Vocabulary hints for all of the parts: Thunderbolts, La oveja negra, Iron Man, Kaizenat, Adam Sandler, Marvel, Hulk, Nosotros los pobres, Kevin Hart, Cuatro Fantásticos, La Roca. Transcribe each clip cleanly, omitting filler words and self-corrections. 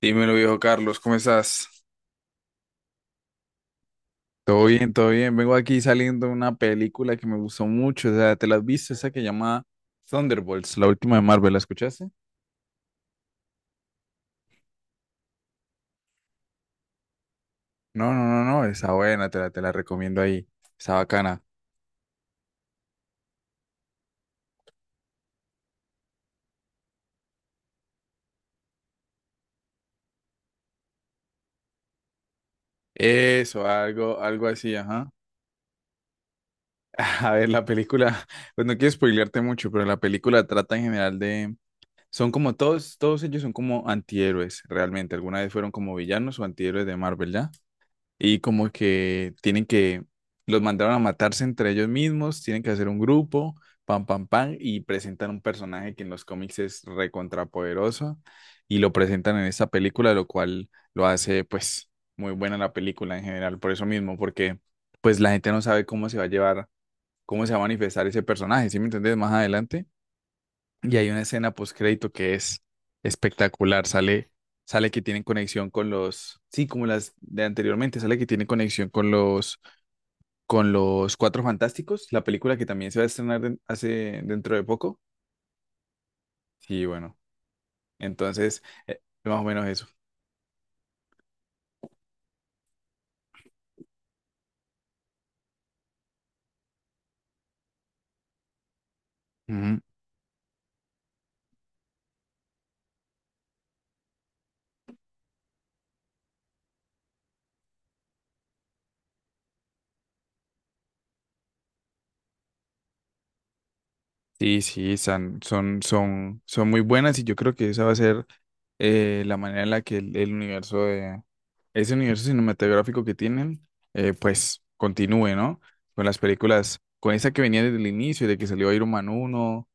Dímelo, viejo Carlos, ¿cómo estás? Todo bien, todo bien. Vengo aquí saliendo de una película que me gustó mucho. O sea, ¿te la has visto? Esa que llama Thunderbolts, la última de Marvel. ¿La escuchaste? No, no, no, no, esa buena, te la recomiendo ahí, está bacana. Eso, algo, algo así, ajá. A ver, la película, pues no quiero spoilearte mucho, pero la película trata en general de, son como todos ellos son como antihéroes, realmente. Alguna vez fueron como villanos o antihéroes de Marvel, ¿ya? Y como que tienen que, los mandaron a matarse entre ellos mismos, tienen que hacer un grupo, pam, pam, pam, y presentan un personaje que en los cómics es recontrapoderoso y lo presentan en esta película, lo cual lo hace pues muy buena la película en general, por eso mismo, porque pues la gente no sabe cómo se va a llevar, cómo se va a manifestar ese personaje, ¿sí me entendés? Más adelante. Y hay una escena postcrédito que es espectacular. Sale, sale que tienen conexión con los, sí, como las de anteriormente, sale que tienen conexión con los Cuatro Fantásticos, la película que también se va a estrenar hace dentro de poco. Y bueno, entonces, más o menos eso. Ujú. Sí, sí, son muy buenas y yo creo que esa va a ser la manera en la que el universo de ese universo cinematográfico que tienen, pues continúe, ¿no? Con las películas, con esa que venía desde el inicio, de que salió Iron Man 1,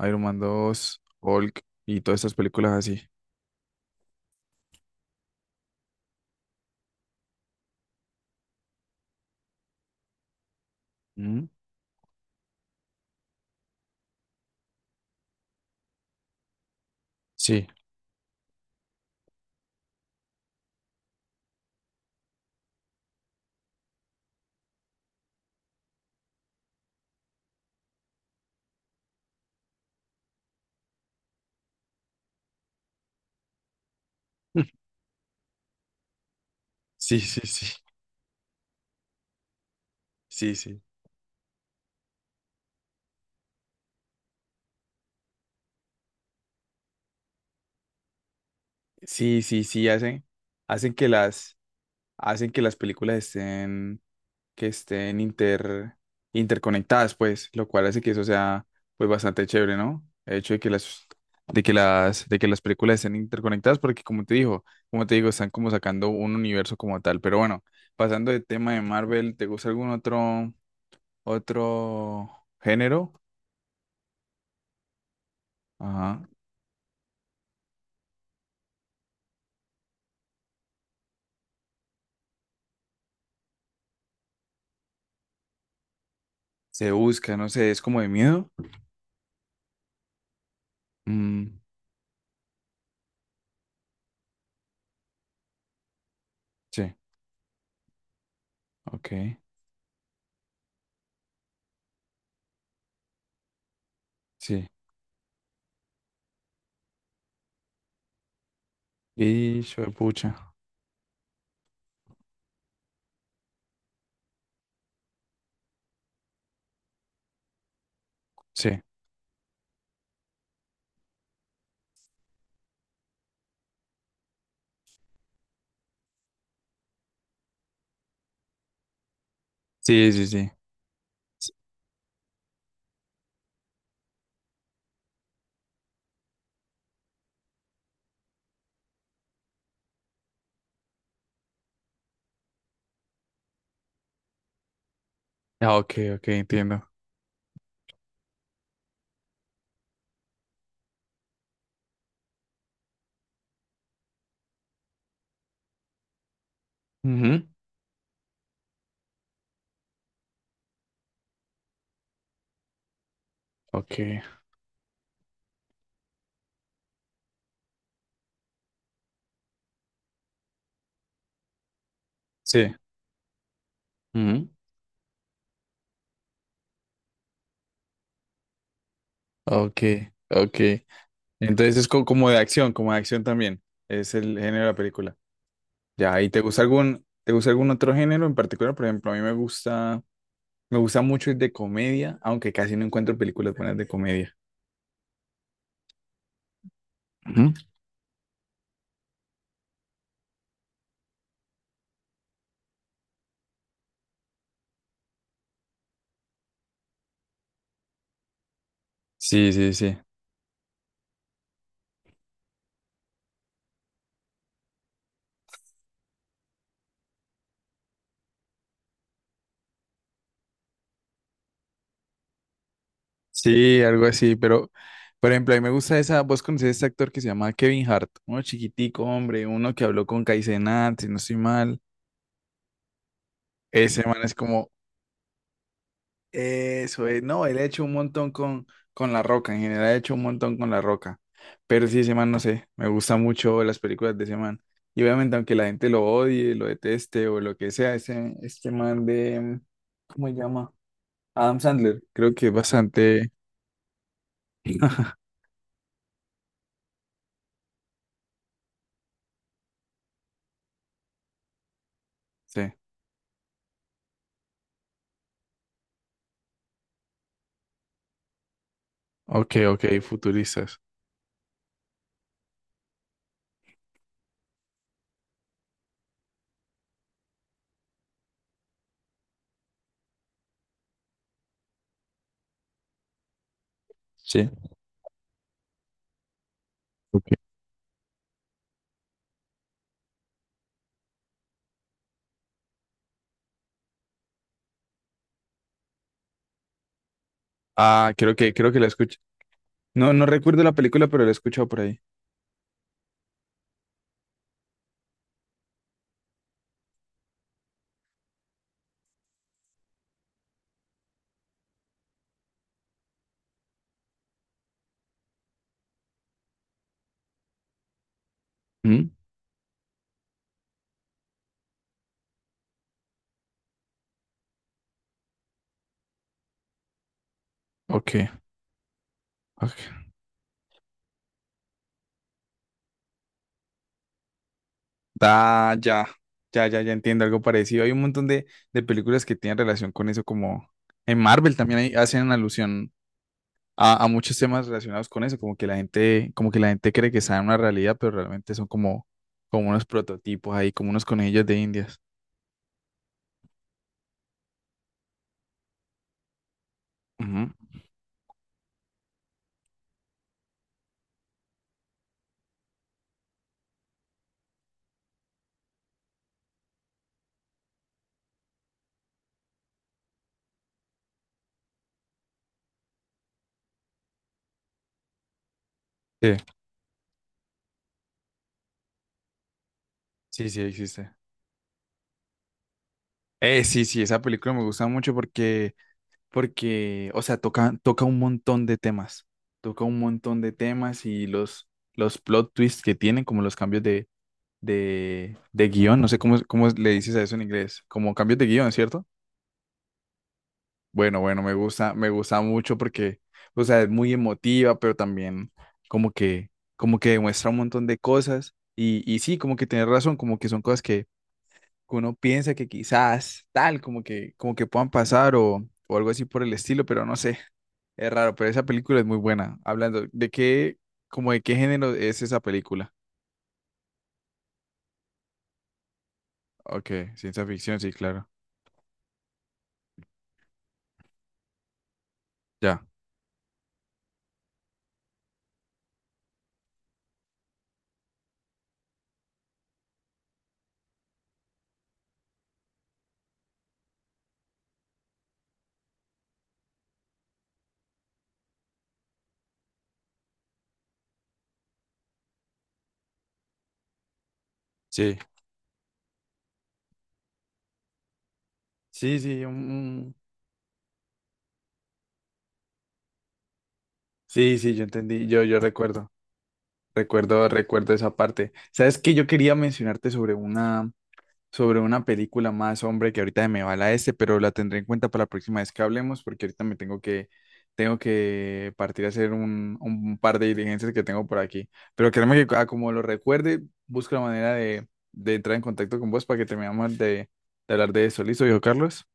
Iron Man 2, Hulk y todas estas películas así. Mm, sí, sí, sí, sí, sí, sí, sí, sí, sí, hacen, hacen que las, hacen que las películas estén que estén inter, interconectadas, pues, lo cual hace que eso sea, pues, bastante chévere, ¿no? El hecho de que las, de que las, de que las películas estén interconectadas, porque como te digo, están como sacando un universo como tal. Pero bueno, pasando del tema de Marvel, ¿te gusta algún otro, otro género? Ajá. Se busca, no sé, es como de miedo. Mm, sí, ok, sí. Y hijo de pucha. Sí, sí, sí, sí. Ah, ok, ok, entiendo. Ujú. Ok. Sí. Ujú. Ok, ok. Entonces es como de acción también. Es el género de la película. Ya, ¿y te gusta algún otro género en particular? Por ejemplo, a mí me gusta mucho el de comedia, aunque casi no encuentro películas buenas de comedia. Ujú. Sí, sí, sí. Sí, algo así, pero por ejemplo, a mí me gusta esa, vos conocés a este actor que se llama Kevin Hart, uno chiquitico, hombre, uno que habló con Kaizenat, si no estoy mal. Ese man es como, eso es, no, él ha hecho un montón con La Roca, en general ha hecho un montón con La Roca, pero sí, ese man, no sé, me gustan mucho las películas de ese man, y obviamente aunque la gente lo odie, lo deteste o lo que sea, ese, este man de, ¿cómo se llama? Adam Sandler, creo que es bastante, sí, ok, ok, futuristas, sí, ok, ah, creo que la escuché, no, no recuerdo la película, pero la he escuchado por ahí, mm, ok, ok, ah, ya, ya, ya, ya entiendo algo parecido. Hay un montón de películas que tienen relación con eso, como en Marvel también hacen alusión a muchos temas relacionados con eso, como que la gente, como que la gente cree que sabe una realidad, pero realmente son como, como unos prototipos ahí, como unos conejillos de indias. Ujú. Sí, sí, sí, existe. Sí, sí, esa película me gusta mucho porque, porque, o sea, toca, toca un montón de temas, toca un montón de temas y los plot twists que tienen, como los cambios de de guión, no sé cómo, cómo le dices a eso en inglés, como cambios de guión, ¿cierto? Bueno, bueno, me gusta mucho porque, o sea, es muy emotiva, pero también como que, como que demuestra un montón de cosas y sí, como que tienes razón, como que son cosas que uno piensa que quizás tal, como que puedan pasar o algo así por el estilo, pero no sé, es raro, pero esa película es muy buena. Hablando, ¿de qué, como de qué género es esa película? Ok, ciencia ficción, sí, claro. Ya. Sí. Sí, sí, sí, sí, yo entendí, yo recuerdo, recuerdo, recuerdo esa parte. Sabes que yo quería mencionarte sobre una película más, hombre, que ahorita me va la este, pero la tendré en cuenta para la próxima vez que hablemos, porque ahorita me tengo que partir a hacer un par de diligencias que tengo por aquí. Pero créeme que a como lo recuerde, busco la manera de entrar en contacto con vos para que terminemos de hablar de eso. ¿Listo, viejo Carlos?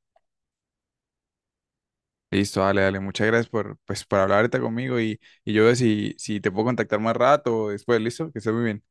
Listo, dale, dale. Muchas gracias por, pues, por hablar ahorita conmigo y yo veo si, si te puedo contactar más rato o después, ¿listo? Que estés muy bien.